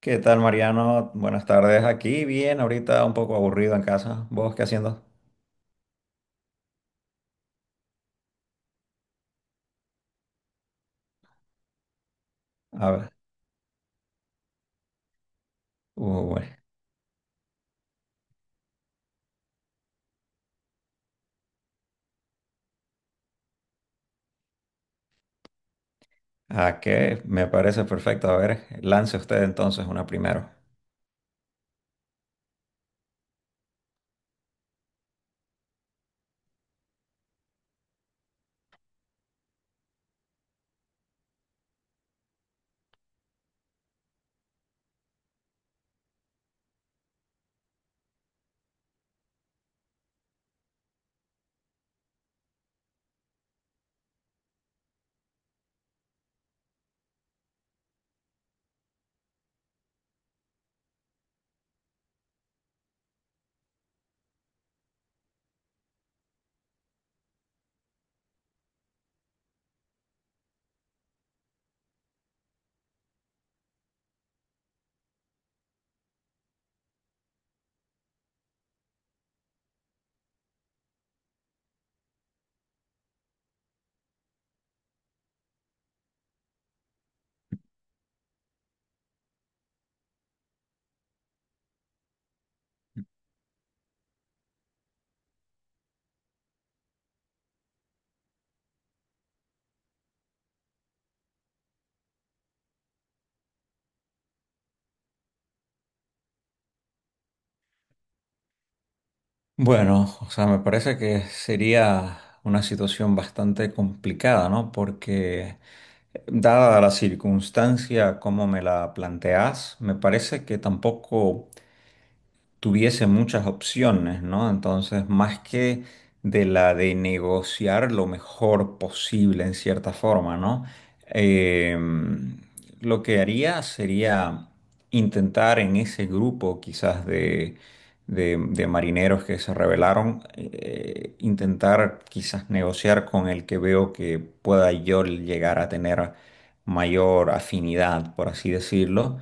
¿Qué tal, Mariano? Buenas tardes. Aquí bien, ahorita un poco aburrido en casa. ¿Vos qué haciendo? A ver. Bueno. ¿A qué? Me parece perfecto. A ver, lance usted entonces una primero. Bueno, o sea, me parece que sería una situación bastante complicada, ¿no? Porque dada la circunstancia como me la planteas, me parece que tampoco tuviese muchas opciones, ¿no? Entonces, más que de negociar lo mejor posible en cierta forma, ¿no? Eh, lo que haría sería intentar en ese grupo quizás de marineros que se rebelaron, intentar quizás negociar con el que veo que pueda yo llegar a tener mayor afinidad, por así decirlo,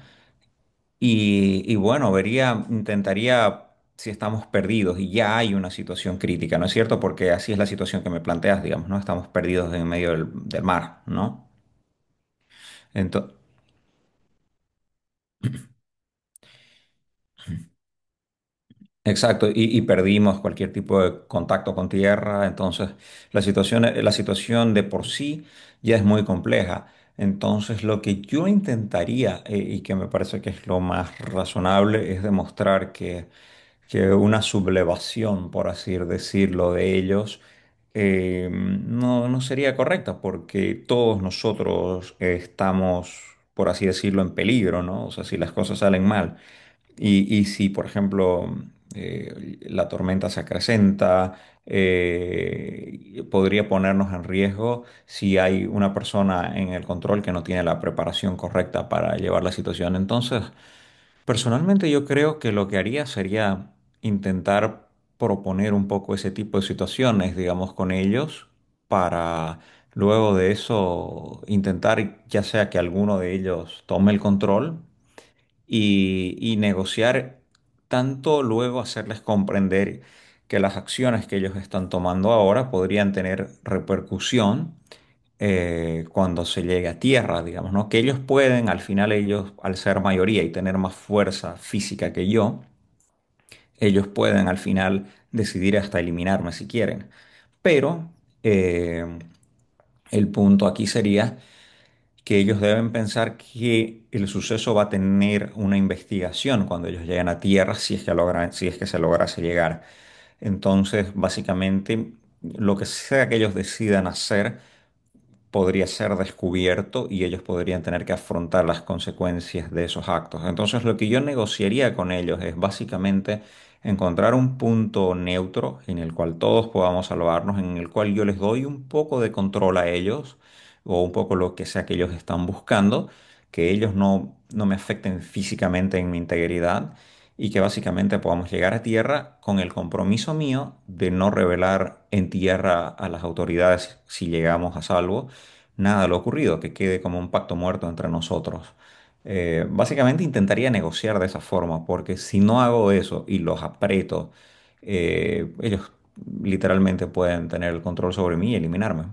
y, bueno, vería, intentaría si estamos perdidos y ya hay una situación crítica, ¿no es cierto? Porque así es la situación que me planteas, digamos, ¿no? Estamos perdidos en medio del mar, ¿no? Entonces, exacto, y, perdimos cualquier tipo de contacto con tierra, entonces la situación de por sí ya es muy compleja. Entonces, lo que yo intentaría, y que me parece que es lo más razonable, es demostrar que una sublevación, por así decirlo, de ellos, no, no sería correcta, porque todos nosotros estamos, por así decirlo, en peligro, ¿no? O sea, si las cosas salen mal. Y si, por ejemplo, la tormenta se acrecenta, podría ponernos en riesgo si hay una persona en el control que no tiene la preparación correcta para llevar la situación. Entonces, personalmente yo creo que lo que haría sería intentar proponer un poco ese tipo de situaciones, digamos, con ellos, para luego de eso intentar ya sea que alguno de ellos tome el control y negociar tanto luego hacerles comprender que las acciones que ellos están tomando ahora podrían tener repercusión cuando se llegue a tierra, digamos, ¿no? Que ellos pueden, al final ellos, al ser mayoría y tener más fuerza física que yo, ellos pueden al final decidir hasta eliminarme si quieren. Pero eh, el punto aquí sería que ellos deben pensar que el suceso va a tener una investigación cuando ellos lleguen a tierra, si es que logran, si es que se lograse llegar. Entonces, básicamente, lo que sea que ellos decidan hacer, podría ser descubierto y ellos podrían tener que afrontar las consecuencias de esos actos. Entonces, lo que yo negociaría con ellos es básicamente encontrar un punto neutro en el cual todos podamos salvarnos, en el cual yo les doy un poco de control a ellos o un poco lo que sea que ellos están buscando, que ellos no, no me afecten físicamente en mi integridad. Y que básicamente podamos llegar a tierra con el compromiso mío de no revelar en tierra a las autoridades si llegamos a salvo, nada, lo ocurrido, que quede como un pacto muerto entre nosotros. Básicamente intentaría negociar de esa forma, porque si no hago eso y los aprieto, ellos literalmente pueden tener el control sobre mí y eliminarme.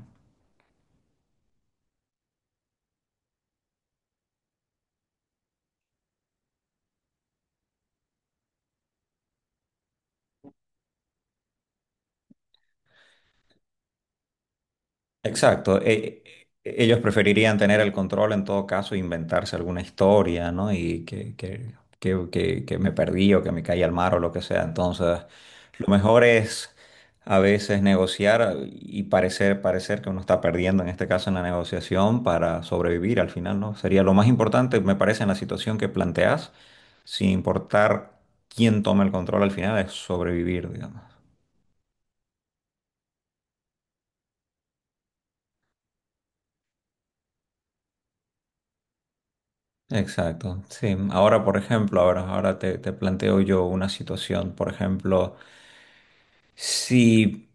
Exacto. Ellos preferirían tener el control en todo caso, e inventarse alguna historia, ¿no? Y que me perdí o que me caí al mar o lo que sea. Entonces, lo mejor es a veces negociar y parecer que uno está perdiendo, en este caso en la negociación, para sobrevivir al final, ¿no? Sería lo más importante, me parece, en la situación que planteas, sin importar quién toma el control al final, es sobrevivir, digamos. Exacto, sí. Ahora, por ejemplo, ahora te, te planteo yo una situación. Por ejemplo, si,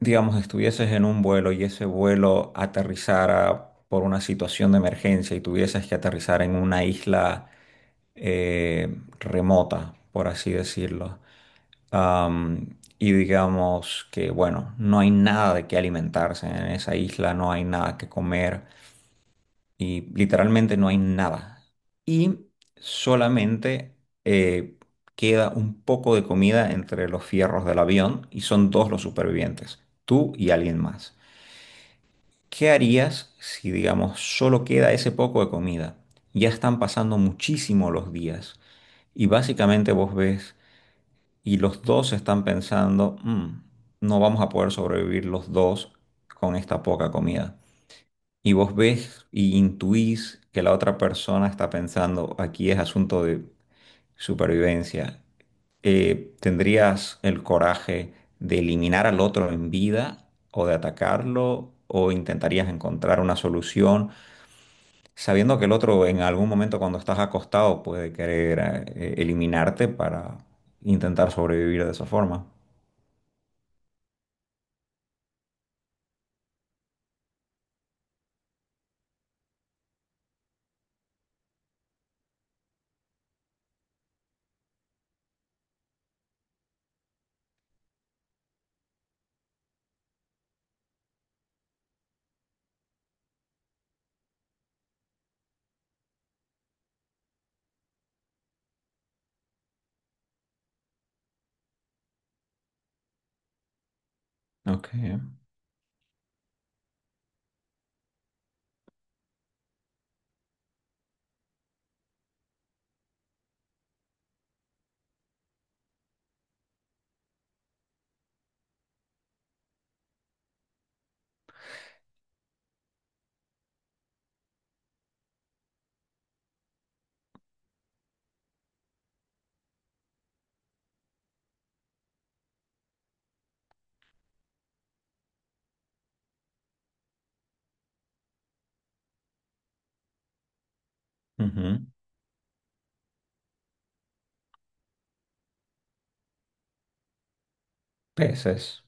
digamos, estuvieses en un vuelo y ese vuelo aterrizara por una situación de emergencia y tuvieses que aterrizar en una isla remota, por así decirlo, y digamos que, bueno, no hay nada de qué alimentarse en esa isla, no hay nada que comer y literalmente no hay nada. Y solamente eh, queda un poco de comida entre los fierros del avión y son dos los supervivientes, tú y alguien más. ¿Qué harías si, digamos, solo queda ese poco de comida? Ya están pasando muchísimo los días y básicamente vos ves y los dos están pensando, "Mm, no vamos a poder sobrevivir los dos con esta poca comida y vos ves y intuís que la otra persona está pensando, aquí es asunto de supervivencia, ¿tendrías el coraje de eliminar al otro en vida o de atacarlo? ¿O intentarías encontrar una solución sabiendo que el otro en algún momento cuando estás acostado puede querer eliminarte para intentar sobrevivir de esa forma? Ok. Ujú. Peces.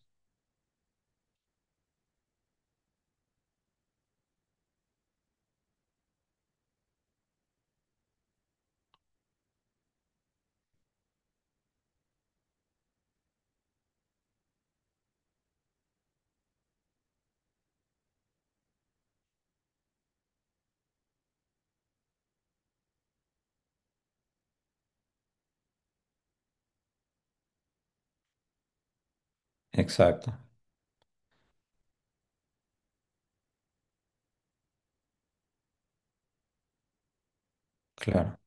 Exacto. Claro.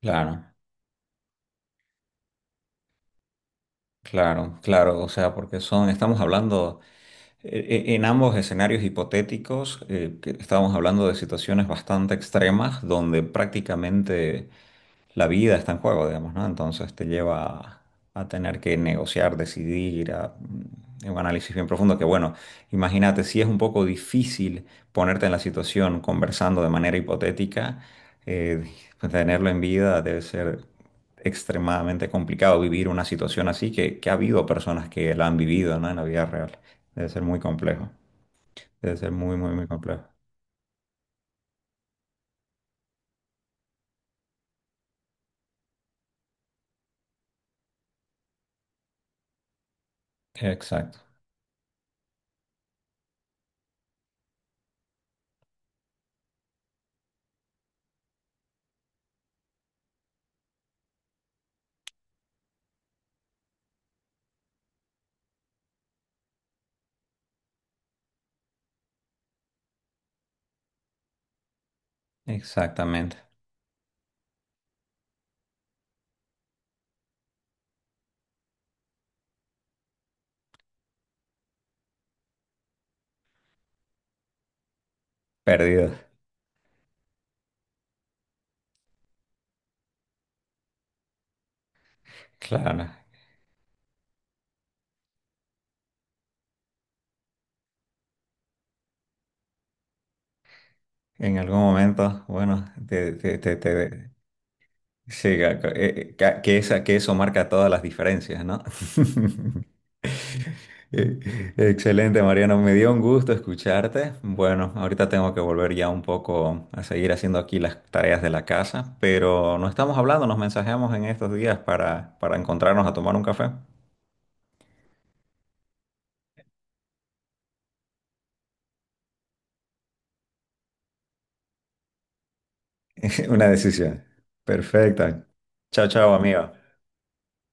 Claro. Claro, claro, o sea, porque son, estamos hablando en ambos escenarios hipotéticos, que estamos hablando de situaciones bastante extremas donde prácticamente la vida está en juego, digamos, ¿no? Entonces te lleva a tener que negociar, decidir, a un análisis bien profundo que, bueno, imagínate, si es un poco difícil ponerte en la situación conversando de manera hipotética, eh, pues, tenerlo en vida debe ser extremadamente complicado vivir una situación así, que ha habido personas que la han vivido, ¿no? En la vida real. Debe ser muy complejo, debe ser muy, complejo. Exacto, exactamente. Perdido. Claro, ¿no? En algún momento, bueno, sí, ca- ca- ca- que, esa, que eso marca todas las diferencias, ¿no? Eh, Excelente, Mariano. Me dio un gusto escucharte. Bueno, ahorita tengo que volver ya un poco a seguir haciendo aquí las tareas de la casa, pero no estamos hablando, nos mensajeamos en estos días para encontrarnos a tomar un café. Una decisión. Perfecta. Chao, chao, amigo.